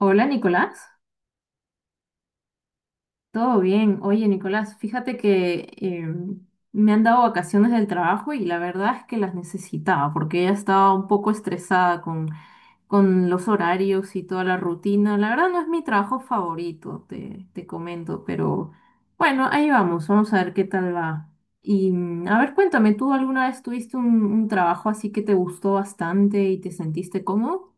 Hola Nicolás, ¿todo bien? Oye Nicolás, fíjate que me han dado vacaciones del trabajo y la verdad es que las necesitaba porque ya estaba un poco estresada con los horarios y toda la rutina. La verdad no es mi trabajo favorito, te comento, pero bueno, ahí vamos, vamos a ver qué tal va. Y a ver, cuéntame, ¿tú alguna vez tuviste un trabajo así que te gustó bastante y te sentiste cómodo?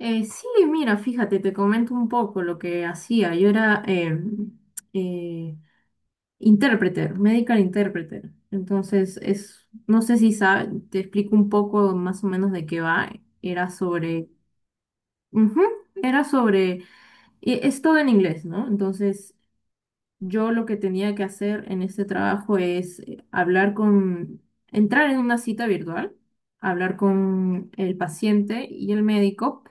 Sí, mira, fíjate, te comento un poco lo que hacía. Yo era eh, interpreter, medical interpreter. Entonces, es, no sé si sabes, te explico un poco más o menos de qué va. Era sobre, Ujú, era sobre, y es todo en inglés, ¿no? Entonces, yo lo que tenía que hacer en este trabajo es hablar con, entrar en una cita virtual, hablar con el paciente y el médico,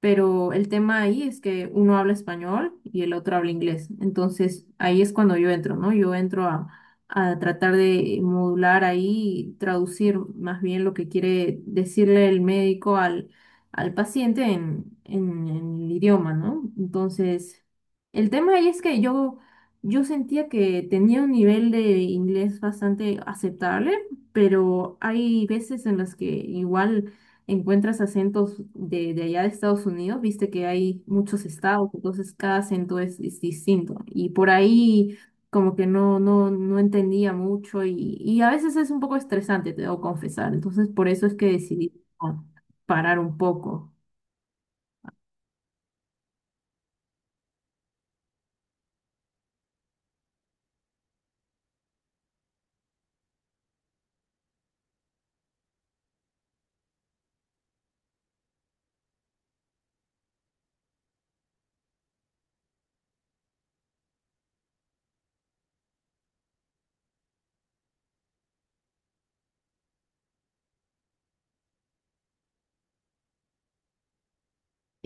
pero el tema ahí es que uno habla español y el otro habla inglés. Entonces ahí es cuando yo entro, ¿no? Yo entro a tratar de modular ahí, traducir más bien lo que quiere decirle el médico al paciente en el idioma, ¿no? Entonces, el tema ahí es que yo sentía que tenía un nivel de inglés bastante aceptable, pero hay veces en las que igual encuentras acentos de allá de Estados Unidos, viste que hay muchos estados, entonces cada acento es distinto. Y por ahí como que no, no, no entendía mucho y a veces es un poco estresante, te debo confesar. Entonces por eso es que decidí ah, parar un poco.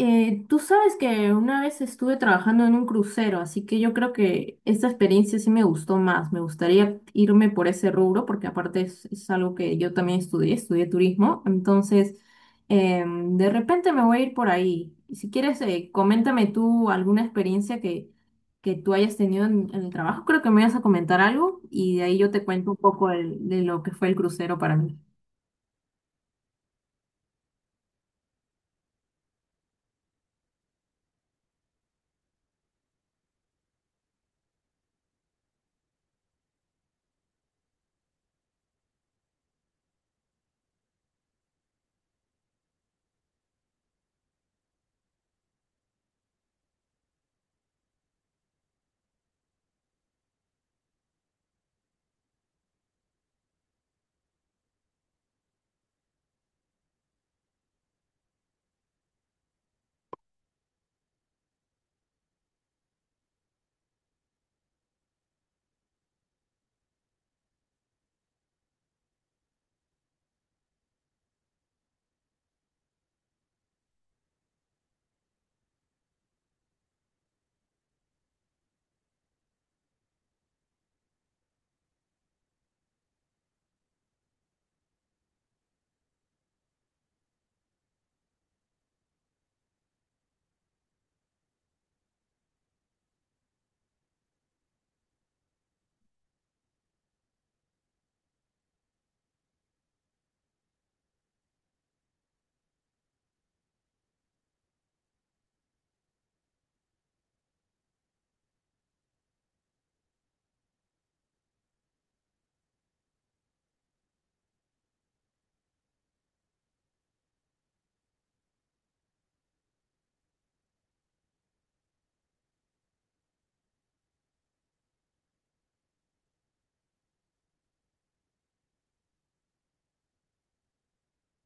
Tú sabes que una vez estuve trabajando en un crucero, así que yo creo que esta experiencia sí me gustó más. Me gustaría irme por ese rubro, porque aparte es algo que yo también estudié, turismo. Entonces, de repente me voy a ir por ahí. Y si quieres, coméntame tú alguna experiencia que tú hayas tenido en el trabajo. Creo que me vas a comentar algo y de ahí yo te cuento un poco de lo que fue el crucero para mí.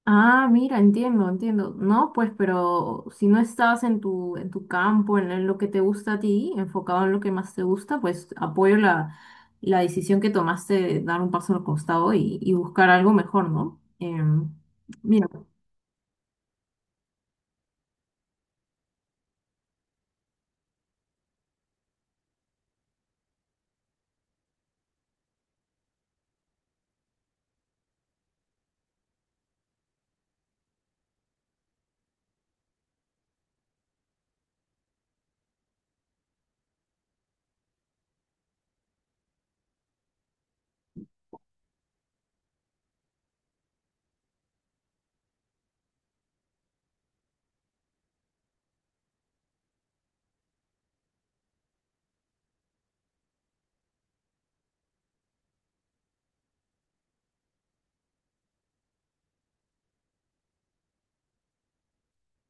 Ah, mira, entiendo, entiendo. No, pues, pero si no estabas en tu campo, en lo que te gusta a ti, enfocado en lo que más te gusta, pues apoyo la, la decisión que tomaste de dar un paso al costado y buscar algo mejor, ¿no? Mira.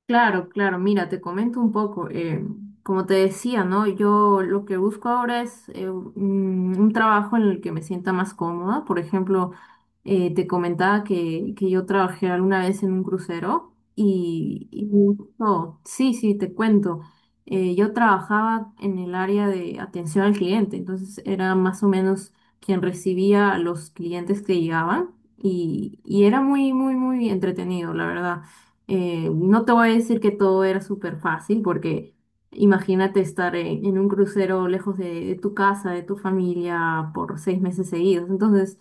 Claro, claro, mira, te comento un poco. Como te decía, ¿no? Yo lo que busco ahora es un trabajo en el que me sienta más cómoda. Por ejemplo, te comentaba que yo trabajé alguna vez en un crucero y sí, sí, te cuento. Yo trabajaba en el área de atención al cliente, entonces era más o menos quien recibía a los clientes que llegaban y era muy, muy, muy entretenido, la verdad. No te voy a decir que todo era súper fácil, porque imagínate estar en un crucero lejos de tu casa, de tu familia, por 6 meses seguidos. Entonces,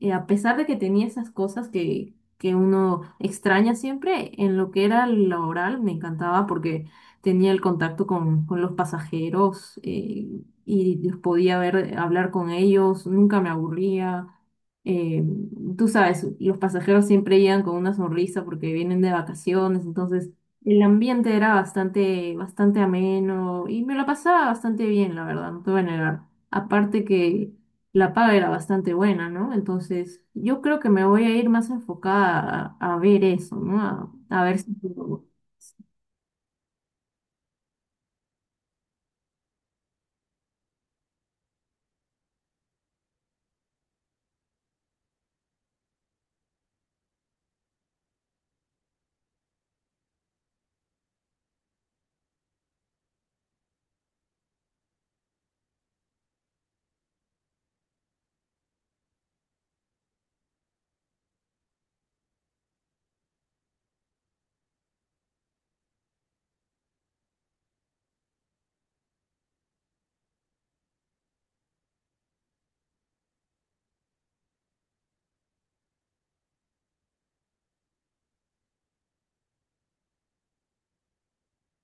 a pesar de que tenía esas cosas que uno extraña siempre, en lo que era laboral me encantaba porque tenía el contacto con los pasajeros y los podía ver, hablar con ellos, nunca me aburría eh, tú sabes, los pasajeros siempre llegan con una sonrisa porque vienen de vacaciones, entonces el ambiente era bastante, bastante ameno y me la pasaba bastante bien, la verdad, no te voy a negar. Aparte que la paga era bastante buena, ¿no? Entonces yo creo que me voy a ir más enfocada a ver eso, ¿no? A ver si...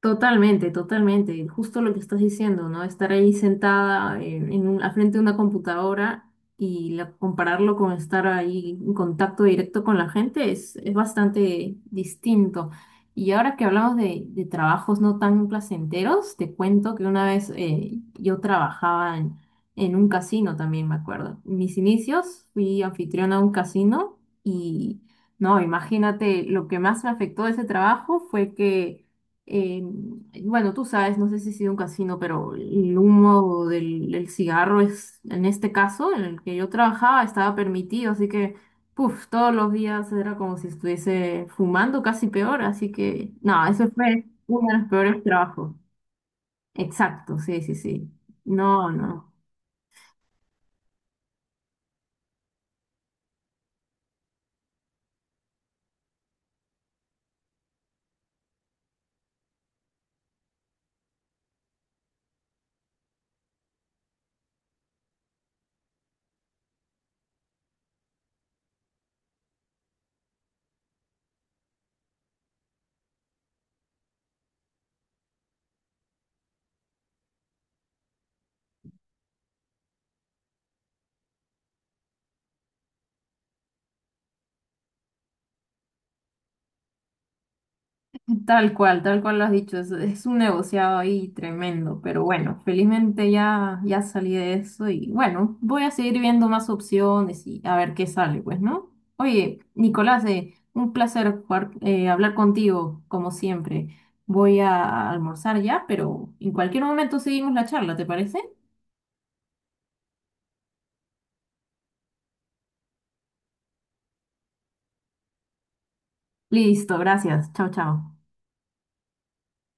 Totalmente, totalmente. Justo lo que estás diciendo, ¿no? Estar ahí sentada al frente de una computadora y compararlo con estar ahí en contacto directo con la gente es bastante distinto. Y ahora que hablamos de trabajos no tan placenteros, te cuento que una vez yo trabajaba en un casino también, me acuerdo. En mis inicios fui anfitriona a un casino y, no, imagínate, lo que más me afectó de ese trabajo fue que eh, bueno, tú sabes, no sé si ha sido un casino, pero el humo del cigarro es, en este caso, en el que yo trabajaba, estaba permitido, así que, puf, todos los días era como si estuviese fumando, casi peor, así que, no, eso fue uno de los peores trabajos. Exacto, sí, sí, sí. No, no. Tal cual lo has dicho, es un negociado ahí tremendo, pero bueno, felizmente ya salí de eso y bueno, voy a seguir viendo más opciones y a ver qué sale, pues, ¿no? Oye, Nicolás, un placer hablar contigo, como siempre. Voy a almorzar ya, pero en cualquier momento seguimos la charla, ¿te parece? Listo, gracias. Chao, chao.